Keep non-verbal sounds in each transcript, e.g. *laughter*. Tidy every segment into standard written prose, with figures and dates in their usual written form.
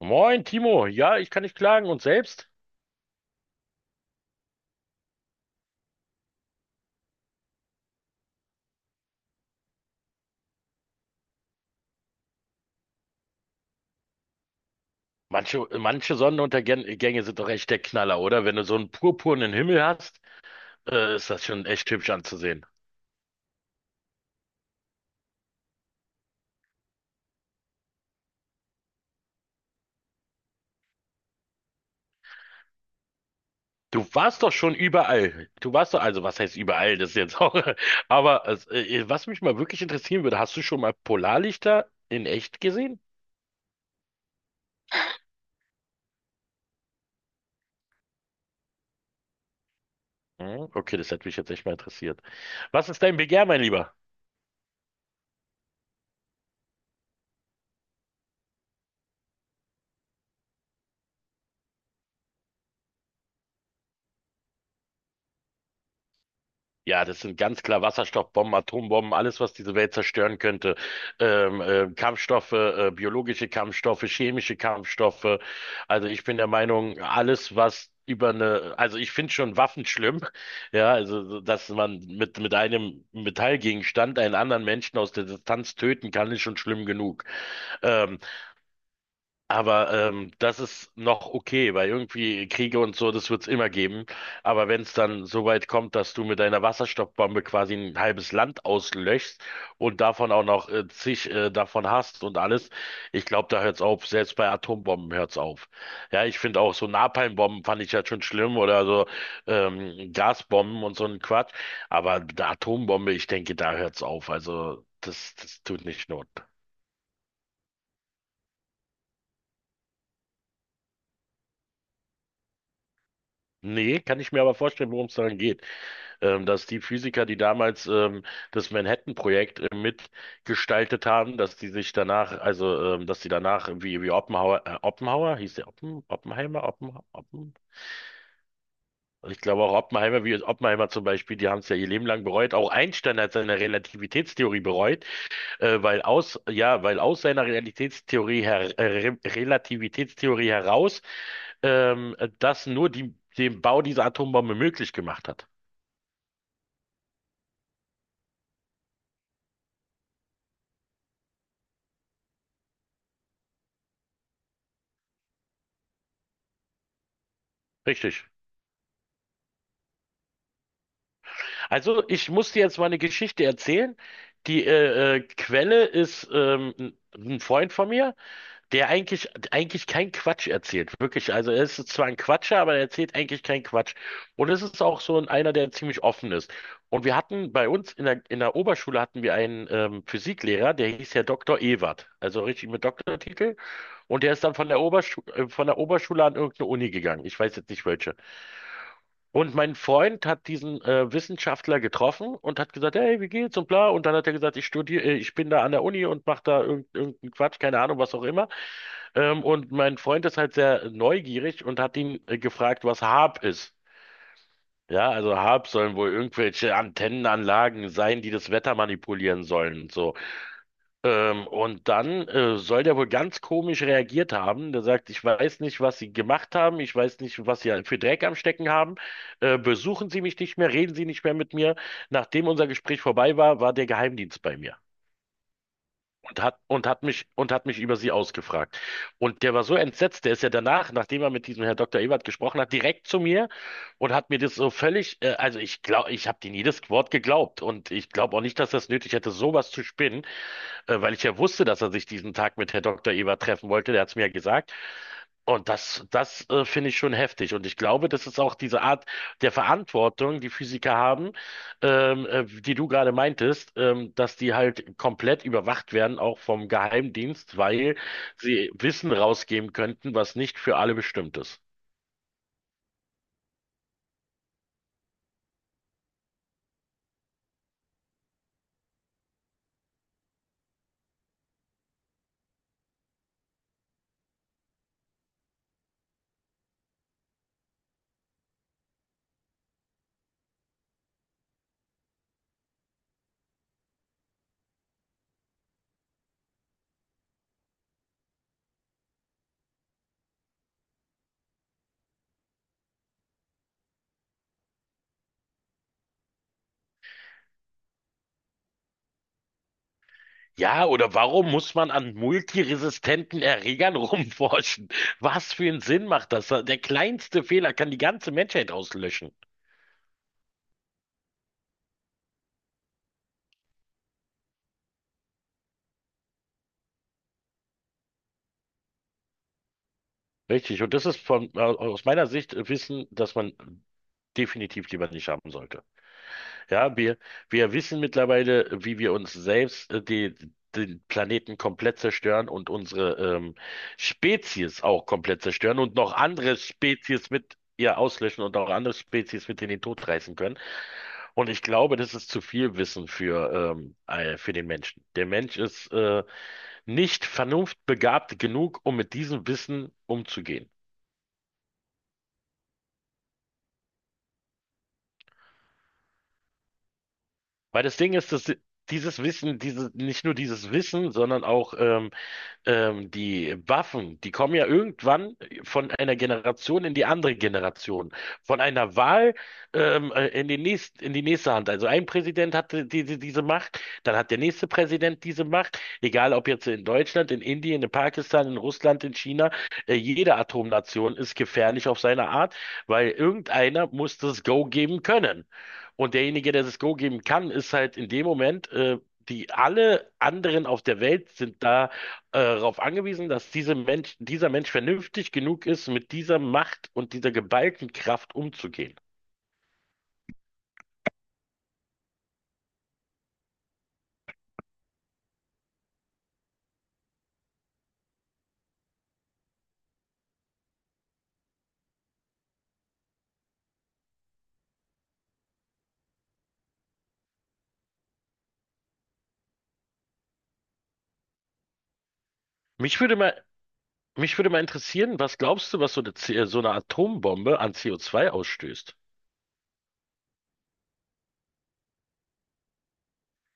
Moin, Timo. Ja, ich kann nicht klagen. Und selbst? Manche Sonnenuntergänge sind doch echt der Knaller, oder? Wenn du so einen purpurnen Himmel hast, ist das schon echt hübsch anzusehen. Du warst doch schon überall. Du warst doch, also was heißt überall, das ist jetzt auch. *laughs* Aber was mich mal wirklich interessieren würde, hast du schon mal Polarlichter in echt gesehen? Hm, okay, das hätte mich jetzt echt mal interessiert. Was ist dein Begehr, mein Lieber? Ja, das sind ganz klar Wasserstoffbomben, Atombomben, alles, was diese Welt zerstören könnte. Kampfstoffe, biologische Kampfstoffe, chemische Kampfstoffe. Also ich bin der Meinung, alles, was über eine, also ich finde schon Waffen schlimm, ja, also so, dass man mit einem Metallgegenstand einen anderen Menschen aus der Distanz töten kann, ist schon schlimm genug. Ähm, aber das ist noch okay, weil irgendwie Kriege und so, das wird's immer geben. Aber wenn es dann so weit kommt, dass du mit deiner Wasserstoffbombe quasi ein halbes Land auslöschst und davon auch noch zig davon hast und alles, ich glaube, da hört's auf. Selbst bei Atombomben hört's auf. Ja, ich finde auch so Napalmbomben fand ich ja schon schlimm oder so Gasbomben und so ein Quatsch. Aber die Atombombe, ich denke, da hört's auf. Also das tut nicht Not. Nee, kann ich mir aber vorstellen, worum es daran geht. Dass die Physiker, die damals das Manhattan-Projekt mitgestaltet haben, dass die sich danach, also dass die danach wie Oppenhauer, Oppenhauer, hieß der Oppen, Oppenheimer, Oppen, Oppen? Ich glaube auch Oppenheimer, wie Oppenheimer zum Beispiel, die haben es ja ihr Leben lang bereut. Auch Einstein hat seine Relativitätstheorie bereut, weil aus, ja, weil aus seiner Realitätstheorie her, Re Relativitätstheorie heraus das nur die, den Bau dieser Atombombe möglich gemacht hat. Richtig. Also, ich muss dir jetzt mal eine Geschichte erzählen. Die Quelle ist ein Freund von mir, der eigentlich keinen Quatsch erzählt. Wirklich. Also, er ist zwar ein Quatscher, aber er erzählt eigentlich keinen Quatsch. Und es ist auch so einer, der ziemlich offen ist. Und wir hatten bei uns in der Oberschule hatten wir einen Physiklehrer, der hieß ja Doktor Ewert, also richtig mit Doktortitel. Und der ist dann von der Oberschule, an irgendeine Uni gegangen. Ich weiß jetzt nicht welche. Und mein Freund hat diesen Wissenschaftler getroffen und hat gesagt, hey, wie geht's und bla. Und dann hat er gesagt, ich studiere, ich bin da an der Uni und mache da irgendeinen Quatsch, keine Ahnung, was auch immer. Und mein Freund ist halt sehr neugierig und hat ihn gefragt, was HAAP ist. Ja, also HAAP sollen wohl irgendwelche Antennenanlagen sein, die das Wetter manipulieren sollen und so. Und dann soll der wohl ganz komisch reagiert haben. Der sagt, ich weiß nicht, was Sie gemacht haben, ich weiß nicht, was Sie für Dreck am Stecken haben. Besuchen Sie mich nicht mehr, reden Sie nicht mehr mit mir. Nachdem unser Gespräch vorbei war, war der Geheimdienst bei mir und hat mich über Sie ausgefragt. Und der war so entsetzt, der ist ja danach, nachdem er mit diesem Herr Dr. Ebert gesprochen hat, direkt zu mir und hat mir das so völlig, also ich glaube, ich habe denen jedes Wort geglaubt und ich glaube auch nicht, dass das nötig hätte, sowas zu spinnen weil ich ja wusste, dass er sich diesen Tag mit Herr Doktor Eber treffen wollte. Der hat es mir ja gesagt. Und das finde ich schon heftig. Und ich glaube, das ist auch diese Art der Verantwortung, die Physiker haben, die du gerade meintest, dass die halt komplett überwacht werden, auch vom Geheimdienst, weil sie Wissen rausgeben könnten, was nicht für alle bestimmt ist. Ja, oder warum muss man an multiresistenten Erregern *laughs* rumforschen? Was für einen Sinn macht das? Der kleinste Fehler kann die ganze Menschheit auslöschen. Richtig, und das ist von, aus meiner Sicht Wissen, das man definitiv lieber nicht haben sollte. Ja, wir wissen mittlerweile, wie wir uns selbst den Planeten komplett zerstören und unsere Spezies auch komplett zerstören und noch andere Spezies mit ihr auslöschen und auch andere Spezies mit in den Tod reißen können. Und ich glaube, das ist zu viel Wissen für den Menschen. Der Mensch ist nicht vernunftbegabt genug, um mit diesem Wissen umzugehen. Weil das Ding ist, dass dieses Wissen, diese, nicht nur dieses Wissen, sondern auch die Waffen, die kommen ja irgendwann von einer Generation in die andere Generation, von einer Wahl in die nächste Hand. Also ein Präsident hatte diese Macht, dann hat der nächste Präsident diese Macht, egal ob jetzt in Deutschland, in Indien, in Pakistan, in Russland, in China, jede Atomnation ist gefährlich auf seine Art, weil irgendeiner muss das Go geben können. Und derjenige, der das Go geben kann, ist halt in dem Moment, die alle anderen auf der Welt sind da darauf angewiesen, dass dieser Mensch vernünftig genug ist, mit dieser Macht und dieser geballten Kraft umzugehen. Mich würde mal, mich würde mal interessieren, was glaubst du, was so so eine Atombombe an CO2 ausstößt?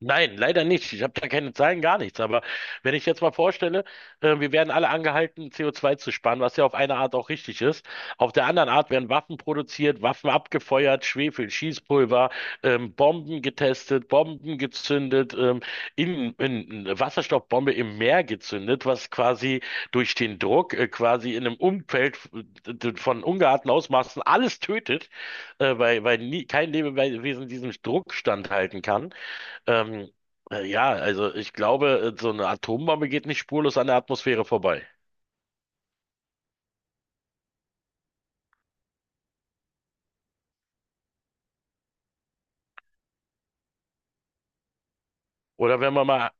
Nein, leider nicht. Ich habe da keine Zahlen, gar nichts. Aber wenn ich jetzt mal vorstelle, wir werden alle angehalten, CO2 zu sparen, was ja auf eine Art auch richtig ist. Auf der anderen Art werden Waffen produziert, Waffen abgefeuert, Schwefel, Schießpulver, Bomben getestet, Bomben gezündet, eine Wasserstoffbombe im Meer gezündet, was quasi durch den Druck, quasi in einem Umfeld von ungeahnten Ausmaßen alles tötet, weil nie, kein Lebewesen diesen Druck standhalten kann. Ähm, ja, also ich glaube, so eine Atombombe geht nicht spurlos an der Atmosphäre vorbei. Oder wenn man mal,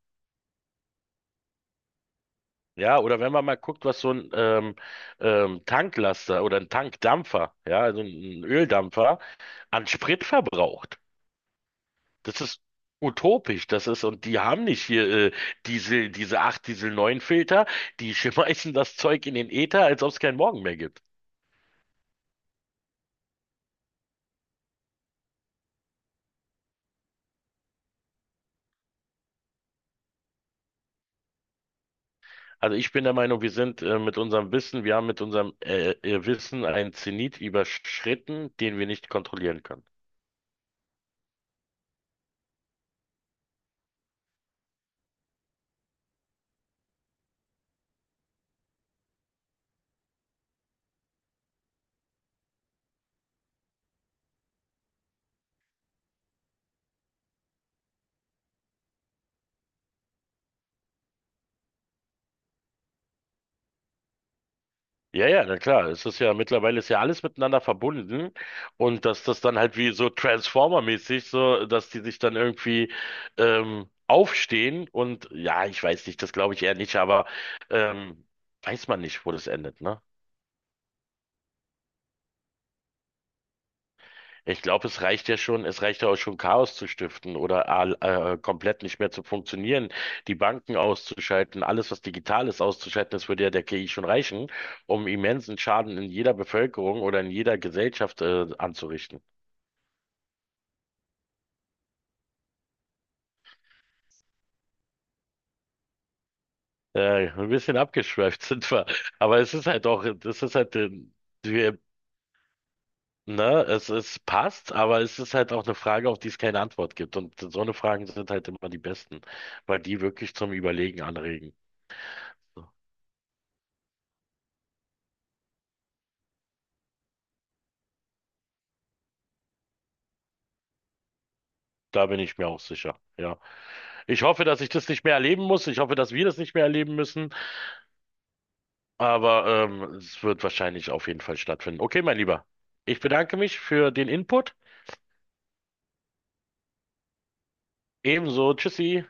ja, oder wenn man mal guckt, was so ein Tanklaster oder ein Tankdampfer, ja, also ein Öldampfer an Sprit verbraucht. Das ist utopisch, und die haben nicht hier Diesel, diese 8 Diesel 9 Filter, die *laughs* schmeißen das Zeug in den Äther, als ob es keinen Morgen mehr gibt. Also ich bin der Meinung, wir sind mit unserem Wissen, wir haben mit unserem Wissen einen Zenit überschritten, den wir nicht kontrollieren können. Ja, ja, na klar. Es ist ja mittlerweile ist ja alles miteinander verbunden und dass das dann halt wie so Transformer-mäßig so, dass die sich dann irgendwie aufstehen und ja, ich weiß nicht, das glaube ich eher nicht, aber ähm, weiß man nicht, wo das endet, ne? Ich glaube, es reicht ja auch schon, Chaos zu stiften oder komplett nicht mehr zu funktionieren, die Banken auszuschalten, alles, was digital ist, auszuschalten, das würde ja der KI schon reichen, um immensen Schaden in jeder Bevölkerung oder in jeder Gesellschaft anzurichten. Ein bisschen abgeschweift *laughs* sind wir, aber es ist halt auch, das ist halt, wir, ne, es passt, aber es ist halt auch eine Frage, auf die es keine Antwort gibt. Und so eine Fragen sind halt immer die besten, weil die wirklich zum Überlegen anregen. So. Da bin ich mir auch sicher. Ja. Ich hoffe, dass ich das nicht mehr erleben muss. Ich hoffe, dass wir das nicht mehr erleben müssen. Aber es wird wahrscheinlich auf jeden Fall stattfinden. Okay, mein Lieber. Ich bedanke mich für den Input. Ebenso. Tschüssi.